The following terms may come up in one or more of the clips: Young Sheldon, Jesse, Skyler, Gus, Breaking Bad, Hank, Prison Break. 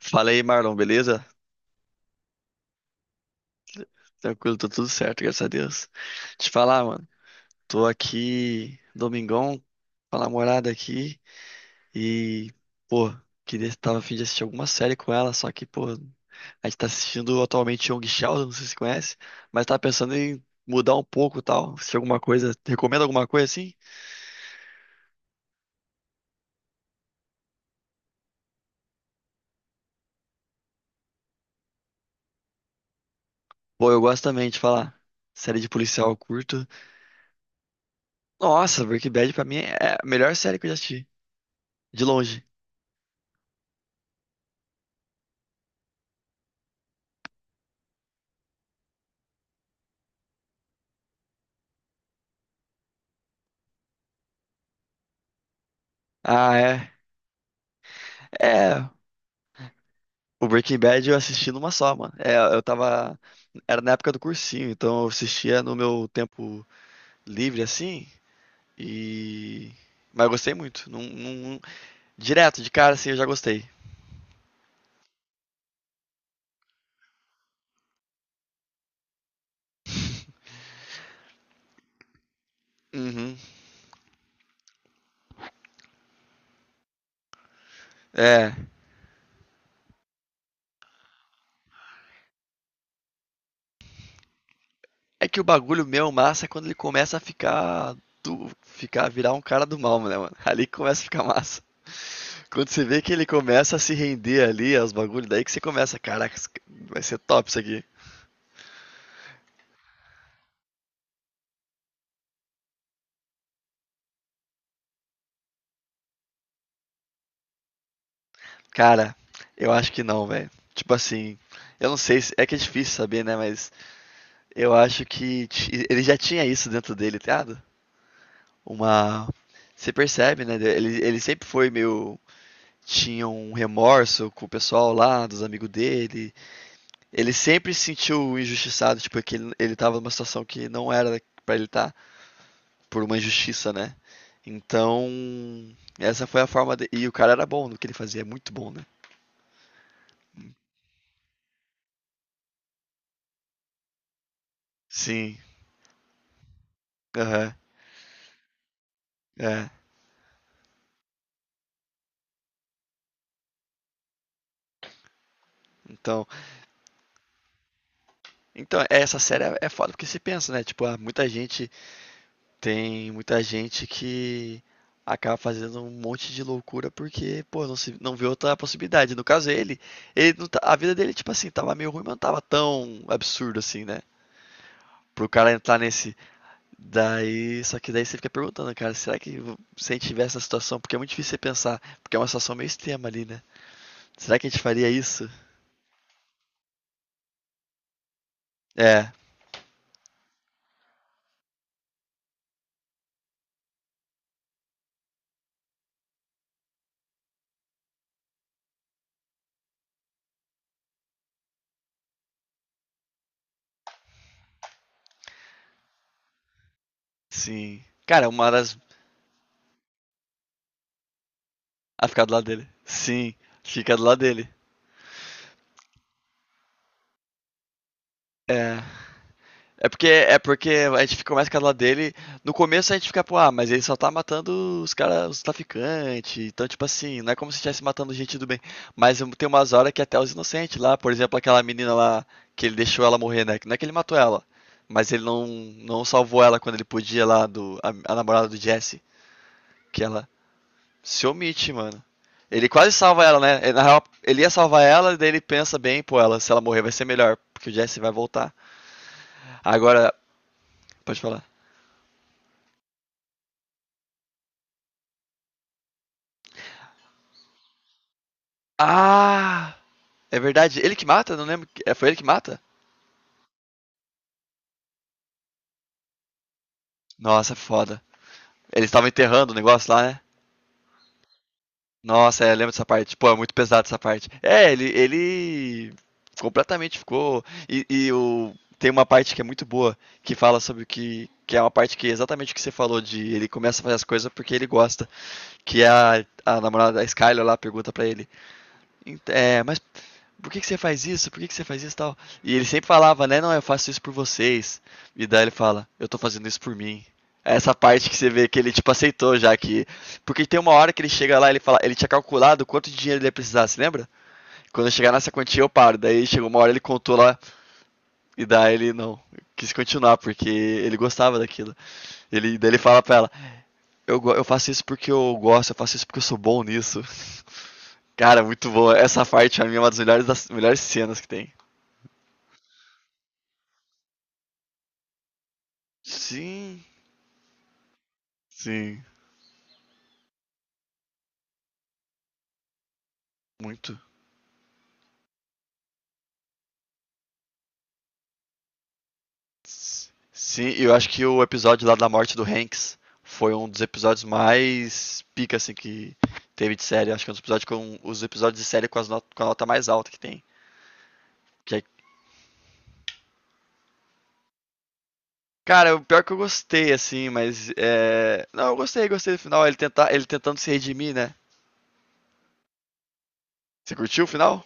Fala aí, Marlon, beleza? Tranquilo, tô tudo certo, graças a Deus. Te falar, mano, tô aqui, domingão, com a namorada aqui e, pô, tava a fim de assistir alguma série com ela, só que, pô, a gente tá assistindo atualmente Young Sheldon, não sei se você conhece, mas tava pensando em mudar um pouco e tal, se alguma coisa, recomenda alguma coisa assim? Pô, eu gosto também de falar, série de policial eu curto. Nossa, Breaking Bad pra mim é a melhor série que eu já assisti, de longe. Ah, é. É, o Breaking Bad eu assisti numa só, mano. É, eu tava. Era na época do cursinho, então eu assistia no meu tempo livre, assim. E. Mas eu gostei muito. Direto, de cara, assim, eu já gostei. Uhum. É. É que o bagulho meu massa é quando ele começa a ficar. Ficar, virar um cara do mal, né, mano? Ali que começa a ficar massa. Quando você vê que ele começa a se render ali aos bagulhos, daí que você começa, caraca, vai ser top isso aqui. Cara, eu acho que não, velho. Tipo assim, eu não sei se. É que é difícil saber, né? Mas eu acho que ele já tinha isso dentro dele, tá ligado? Uma. Você percebe, né? Ele sempre foi meio. Tinha um remorso com o pessoal lá, dos amigos dele. Ele sempre se sentiu injustiçado, tipo, é que ele tava numa situação que não era pra ele estar, por uma injustiça, né? Então, essa foi a forma de... E o cara era bom no que ele fazia, muito bom, né? Sim, aham, é. Então, Então, essa série é foda porque se pensa, né? Tipo, ah, muita gente tem muita gente que acaba fazendo um monte de loucura porque, pô, não se não vê outra possibilidade. No caso ele, não tá- a vida dele tipo assim, tava meio ruim, mas não tava tão absurdo assim, né? Pro cara entrar nesse daí, só que daí você fica perguntando, cara, será que se a gente tivesse essa situação, porque é muito difícil você pensar, porque é uma situação meio extrema ali, né? Será que a gente faria isso? É, sim. Cara, uma das a ficar do lado dele. Sim, fica do lado dele. É. É porque a gente fica mais calado dele. No começo a gente fica, pô, ah, mas ele só tá matando os caras, os traficantes. Então, tipo assim, não é como se estivesse matando gente do bem. Mas tem umas horas que até os inocentes lá, por exemplo, aquela menina lá que ele deixou ela morrer, né? Que não é que ele matou ela, mas ele não salvou ela quando ele podia lá, do, a namorada do Jesse. Que ela se omite, mano. Ele quase salva ela, né? Na real, ele ia salvar ela, daí ele pensa bem, pô, ela, se ela morrer vai ser melhor, porque o Jesse vai voltar. Agora, pode falar. Ah! É verdade. Ele que mata? Não lembro. É, foi ele que mata? Nossa, é foda. Eles estavam enterrando o negócio lá, né? Nossa, é, eu lembro dessa parte. Pô, é muito pesado essa parte. É, ele completamente ficou. E o... tem uma parte que é muito boa, que fala sobre o que. Que é uma parte que é exatamente o que você falou, de ele começa a fazer as coisas porque ele gosta. Que é a namorada da Skyler lá pergunta pra ele. É, mas por que, que você faz isso? Por que, que você faz isso tal? E ele sempre falava, né? Não, eu faço isso por vocês. E daí ele fala, eu tô fazendo isso por mim. É essa parte que você vê que ele, tipo, aceitou já que. Porque tem uma hora que ele chega lá, ele fala, ele tinha calculado quanto de dinheiro ele ia precisar, se lembra? Quando eu chegar nessa quantia eu paro. Daí chegou uma hora ele contou lá, e daí ele não quis continuar, porque ele gostava daquilo. Ele, daí ele fala pra ela, eu faço isso porque eu gosto, eu faço isso porque eu sou bom nisso. Cara, muito bom. Essa parte pra mim é uma das melhores cenas que tem. Sim, sim, muito. Sim, eu acho que o episódio lá da morte do Hanks foi um dos episódios mais pica, assim, que teve de série. Acho que é um dos episódios com os episódios de série com, as not com a nota mais alta que tem. Que é- cara, o pior que eu gostei, assim, mas. É... Não, eu gostei, gostei do final. Ele, tenta ele tentando se redimir, né? Você curtiu o final?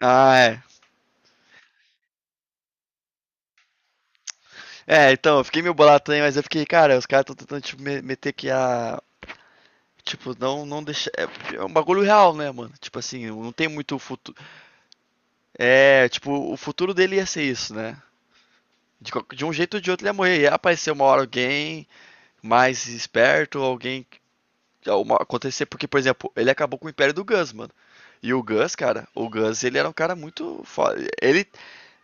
Ah, é. É, então, eu fiquei meio bolado também, mas eu fiquei, cara, os caras estão tentando, tipo, meter que a. Tipo, não, não deixar. É porque é um bagulho real, né, mano? Tipo assim, não tem muito futu- É, tipo, o futuro dele ia ser isso, né? De, de um jeito ou de outro ele ia morrer. Ia aparecer uma hora alguém mais esperto, alguém. Que- Uma, acontecer, porque, por exemplo, ele acabou com o Império do Gus, mano. E o Gus, cara, o Gus, ele era um cara muito foda. Ele,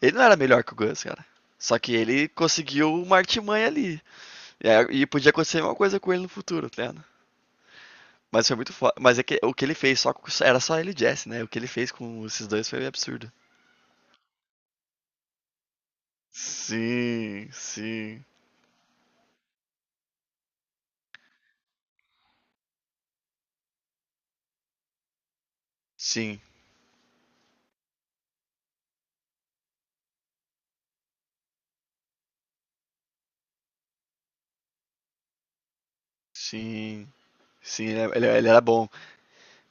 ele não era melhor que o Gus, cara. Só que ele conseguiu uma artimanha ali. E, e podia acontecer uma coisa com ele no futuro, tá ligado? Mas foi muito foda. Mas é que o que ele fez era só ele e Jesse, né? O que ele fez com esses dois foi absurdo. Sim, sim, sim. Sim, sim, ele era bom.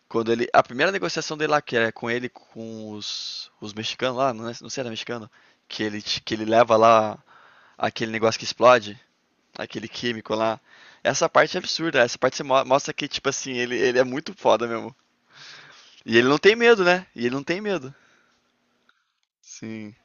Quando ele, a primeira negociação dele lá, que é com ele, com os mexicanos lá, não, não sei se era mexicano, que ele, que ele leva lá aquele negócio que explode, aquele químico lá. Essa parte é absurda, essa parte você mostra que, tipo assim, ele é muito foda mesmo. E ele não tem medo, né? E ele não tem medo. Sim.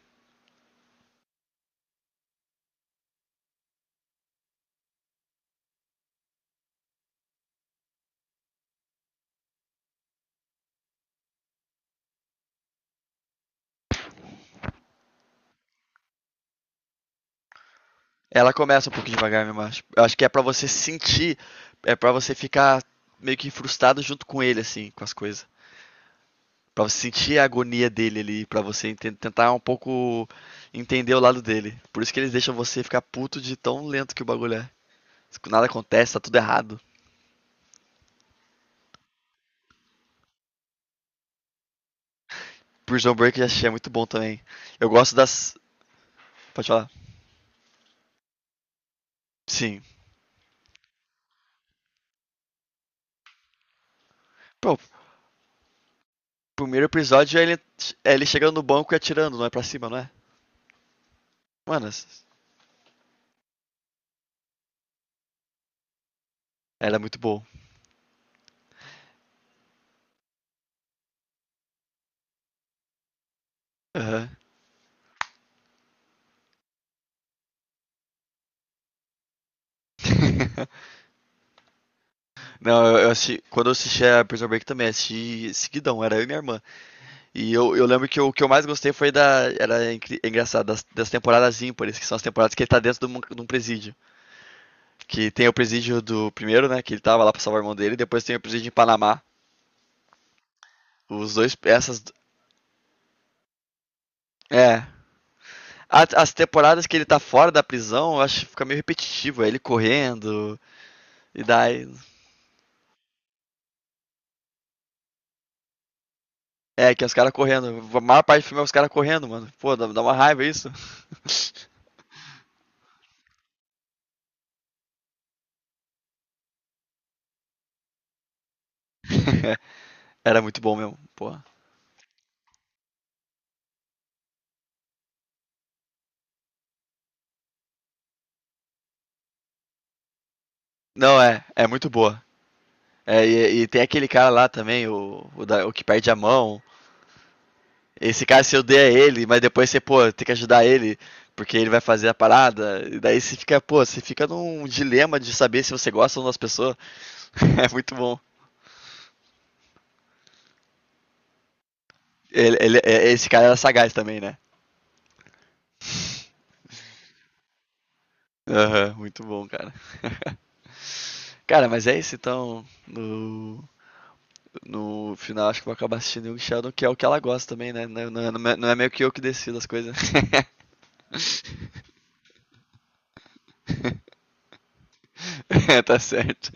Ela começa um pouco devagar mesmo, acho. Eu acho que é pra você sentir, é pra você ficar meio que frustrado junto com ele, assim, com as coisas. Pra você sentir a agonia dele ali, pra você tentar um pouco entender o lado dele. Por isso que eles deixam você ficar puto de tão lento que o bagulho é. Nada acontece, tá tudo errado. Prison Break eu já achei é muito bom também. Eu gosto das. Pode falar? Sim. Pô, o primeiro episódio é ele chegando no banco e atirando, não é pra cima, não é? Mano, era muito bom. Aham. Não, eu assisti. Quando eu assisti a Prison Break também, assisti seguidão, era eu e minha irmã. E eu lembro que o que eu mais gostei foi da. Era engraçado, das temporadas ímpares, que são as temporadas que ele tá dentro de um presídio. Que tem o presídio do primeiro, né? Que ele tava lá pra salvar o irmão dele, e depois tem o presídio em Panamá. Os dois. Essas. É. As temporadas que ele tá fora da prisão, eu acho que fica meio repetitivo. É ele correndo, e daí. É, que é os caras correndo. A maior parte do filme é os caras correndo, mano. Pô, dá uma raiva isso. Era muito bom mesmo, porra. Não, é, é muito boa. É, e tem aquele cara lá também, o, o que perde a mão. Esse cara se odeia ele, mas depois você, pô, tem que ajudar ele, porque ele vai fazer a parada. E daí você fica, pô, você fica num dilema de saber se você gosta ou não das pessoas. É muito bom. Esse cara era sagaz também, né? Aham, uhum, muito bom, cara. Cara, mas é isso então. No, no final, acho que eu vou acabar assistindo Young Sheldon, que é o que ela gosta também, né? Não, é, é não é meio que eu que decido as coisas. É, tá certo.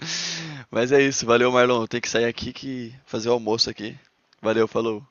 Mas é isso, valeu, Marlon. Tem que sair aqui que fazer o almoço aqui. Valeu, falou.